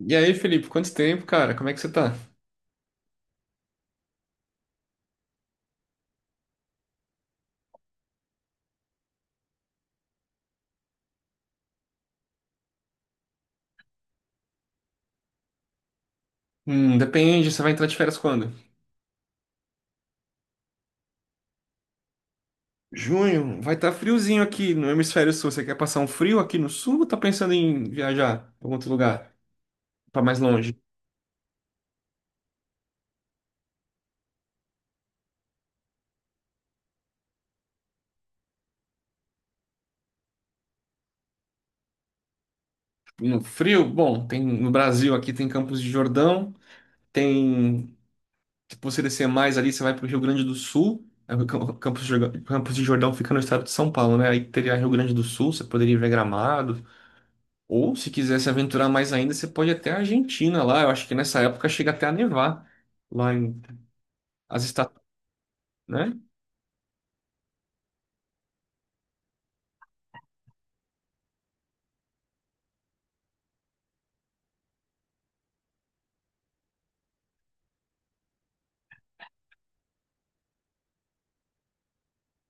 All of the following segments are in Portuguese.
E aí, Felipe, quanto tempo, cara? Como é que você tá? Depende, você vai entrar de férias quando? Junho, vai estar friozinho aqui no hemisfério sul. Você quer passar um frio aqui no sul ou tá pensando em viajar pra algum outro lugar? Pra mais longe? No frio, bom, tem no Brasil, aqui tem Campos de Jordão, tem. Se você descer mais ali, você vai pro Rio Grande do Sul. Aí o Campos de Jordão, fica no estado de São Paulo, né? Aí teria Rio Grande do Sul, você poderia ver Gramado. Ou, se quiser se aventurar mais ainda, você pode ir até a Argentina lá. Eu acho que nessa época chega até a nevar lá em as estatuas, né?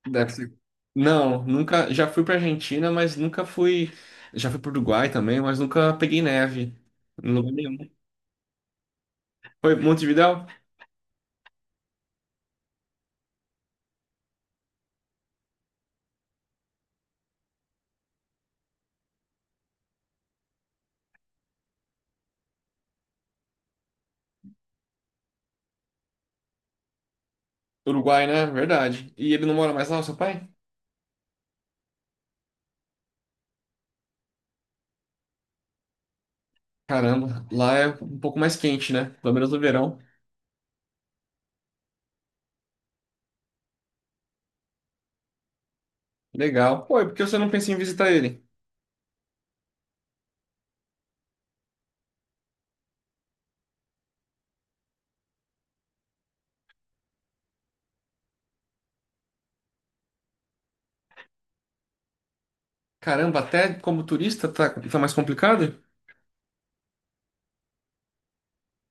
Deve ser. Não, nunca. Já fui para Argentina, mas nunca fui. Já fui para Uruguai também, mas nunca peguei neve em lugar nenhum. Foi Montevidéu? Uruguai, né? Verdade. E ele não mora mais lá, o seu pai? Caramba, lá é um pouco mais quente, né? Pelo menos no verão. Legal. Pô, e por que você não pensa em visitar ele? Caramba, até como turista tá, tá mais complicado?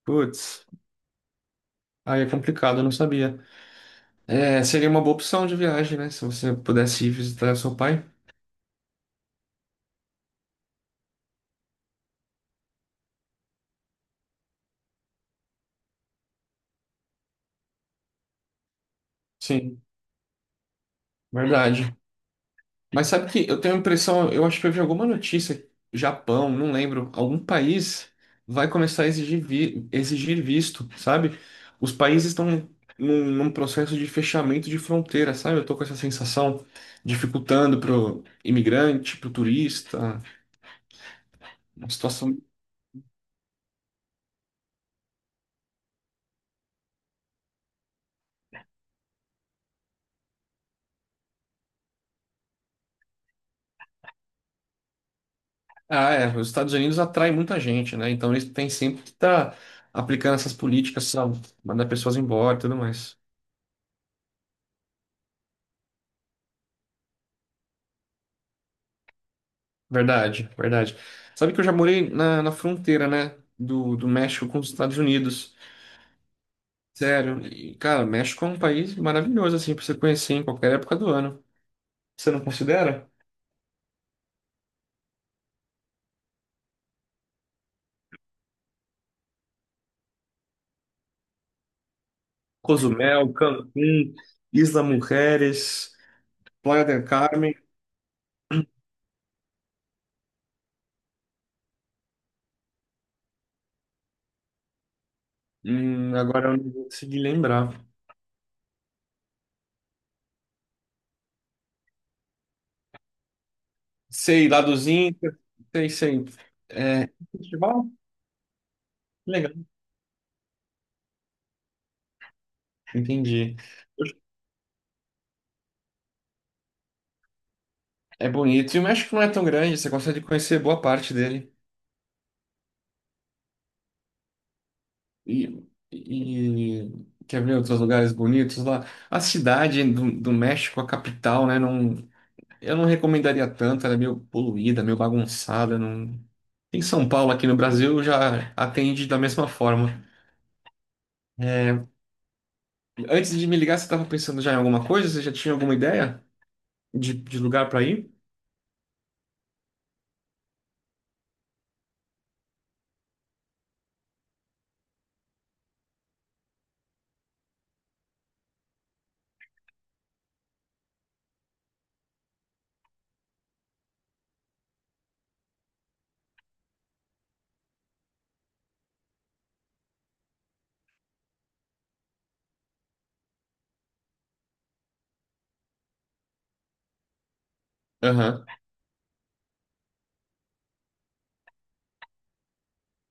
Putz. Aí é complicado, eu não sabia. É, seria uma boa opção de viagem, né? Se você pudesse ir visitar seu pai. Sim, verdade. Mas sabe que eu tenho a impressão, eu acho que eu vi alguma notícia, Japão, não lembro, algum país vai começar a exigir, exigir visto, sabe? Os países estão num processo de fechamento de fronteira, sabe? Eu tô com essa sensação, dificultando pro imigrante, pro turista, uma situação. Ah, é. Os Estados Unidos atraem muita gente, né? Então eles têm sempre que estar aplicando essas políticas, sabe? Mandar pessoas embora e tudo mais. Verdade, verdade. Sabe que eu já morei na, na fronteira, né? Do México com os Estados Unidos. Sério. E, cara, México é um país maravilhoso, assim, pra você conhecer em qualquer época do ano. Você não considera? Cozumel, Cancún, Isla Mujeres, Playa del Carmen. Agora eu não vou conseguir lembrar. Sei, lá dos Incas. Sei, sei. Festival? Entendi. É bonito. E o México não é tão grande, você consegue conhecer boa parte dele. E, e- quer ver outros lugares bonitos lá? A cidade do México, a capital, né? Não, eu não recomendaria tanto, ela é meio poluída, meio bagunçada. Não. Em São Paulo, aqui no Brasil, já atende da mesma forma. É, antes de me ligar, você estava pensando já em alguma coisa? Você já tinha alguma ideia de lugar para ir? Aham.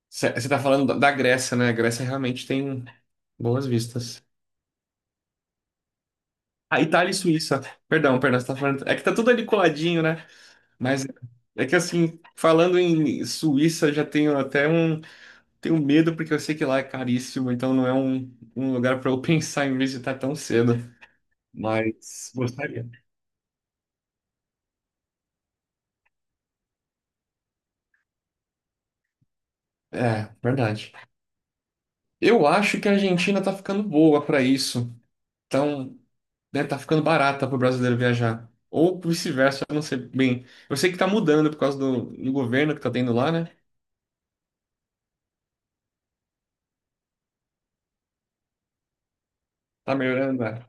Você está falando da Grécia, né? A Grécia realmente tem boas vistas. Ah, Itália e Suíça. Perdão, perdão, você tá falando. É que tá tudo ali coladinho, né? Mas é que assim, falando em Suíça, eu já tenho até um. Tenho medo, porque eu sei que lá é caríssimo, então não é um, um lugar para eu pensar em visitar tão cedo. Mas gostaria. É, verdade. Eu acho que a Argentina tá ficando boa para isso. Então, né, tá ficando barata para o brasileiro viajar. Ou vice-versa, eu não sei bem. Eu sei que tá mudando por causa do governo que tá tendo lá, né? Tá melhorando, né?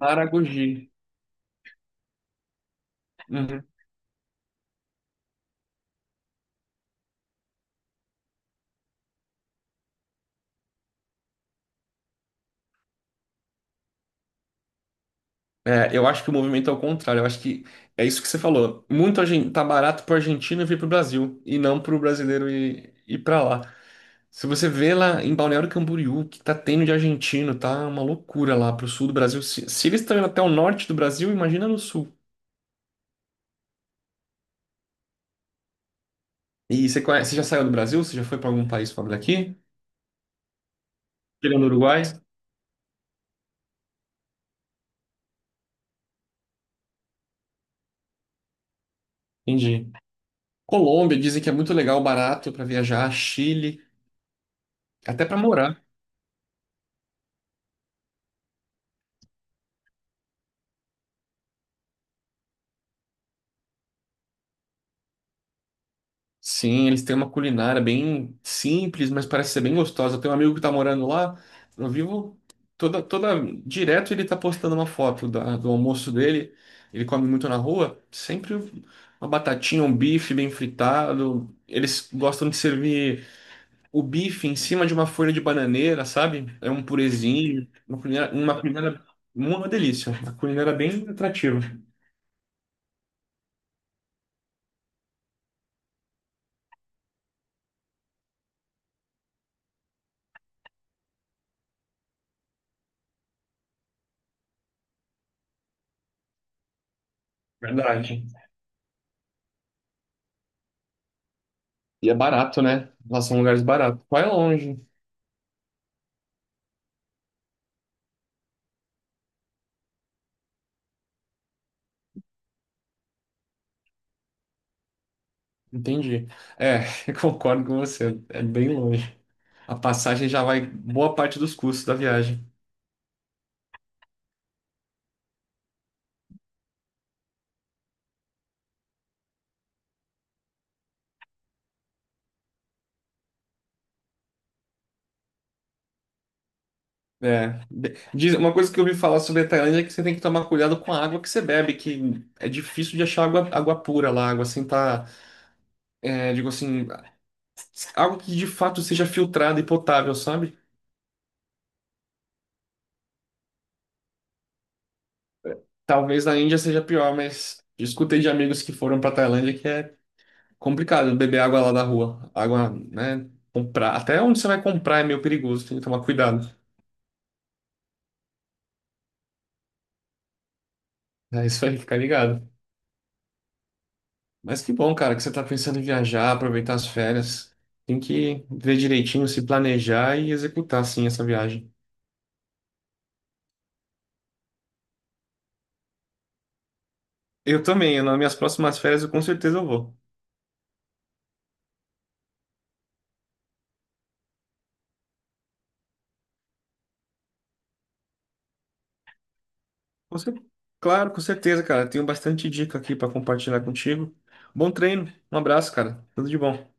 Maragogi. Uhum. É, eu acho que o movimento é o contrário. Eu acho que é isso que você falou. Muito tá barato pro argentino vir pro Brasil e não pro brasileiro ir, ir para lá. Se você vê lá em Balneário Camboriú, o que tá tendo de argentino, tá uma loucura lá pro sul do Brasil. Se eles estão indo até o norte do Brasil, imagina no sul. E você conhece, você já saiu do Brasil? Você já foi para algum país fora daqui? Tirando o Uruguai? Entendi. Colômbia, dizem que é muito legal, barato para viajar. Chile, até para morar. Sim, eles têm uma culinária bem simples, mas parece ser bem gostosa. Eu tenho um amigo que tá morando lá, eu vivo toda direto ele tá postando uma foto do almoço dele. Ele come muito na rua, sempre uma batatinha, um bife bem fritado. Eles gostam de servir o bife em cima de uma folha de bananeira, sabe? É um purezinho, uma culinária, uma culinária, uma delícia, uma culinária bem atrativa, verdade. E é barato, né? Lá são lugares baratos. Vai longe. Entendi. É, eu concordo com você. É bem longe. A passagem já vai boa parte dos custos da viagem. É. Diz, uma coisa que eu ouvi falar sobre a Tailândia é que você tem que tomar cuidado com a água que você bebe, que é difícil de achar água, água pura lá, água assim tá, é, digo assim, água que de fato seja filtrada e potável, sabe? Talvez na Índia seja pior, mas eu escutei de amigos que foram pra Tailândia que é complicado beber água lá da rua. Água, né? Comprar. Até onde você vai comprar é meio perigoso, tem que tomar cuidado. É isso aí, fica ligado. Mas que bom, cara, que você tá pensando em viajar, aproveitar as férias. Tem que ver direitinho, se planejar e executar, sim, essa viagem. Eu também, nas minhas próximas férias, eu com certeza eu vou. Com cer- Claro, com certeza, cara. Tenho bastante dica aqui pra compartilhar contigo. Bom treino, um abraço, cara. Tudo de bom.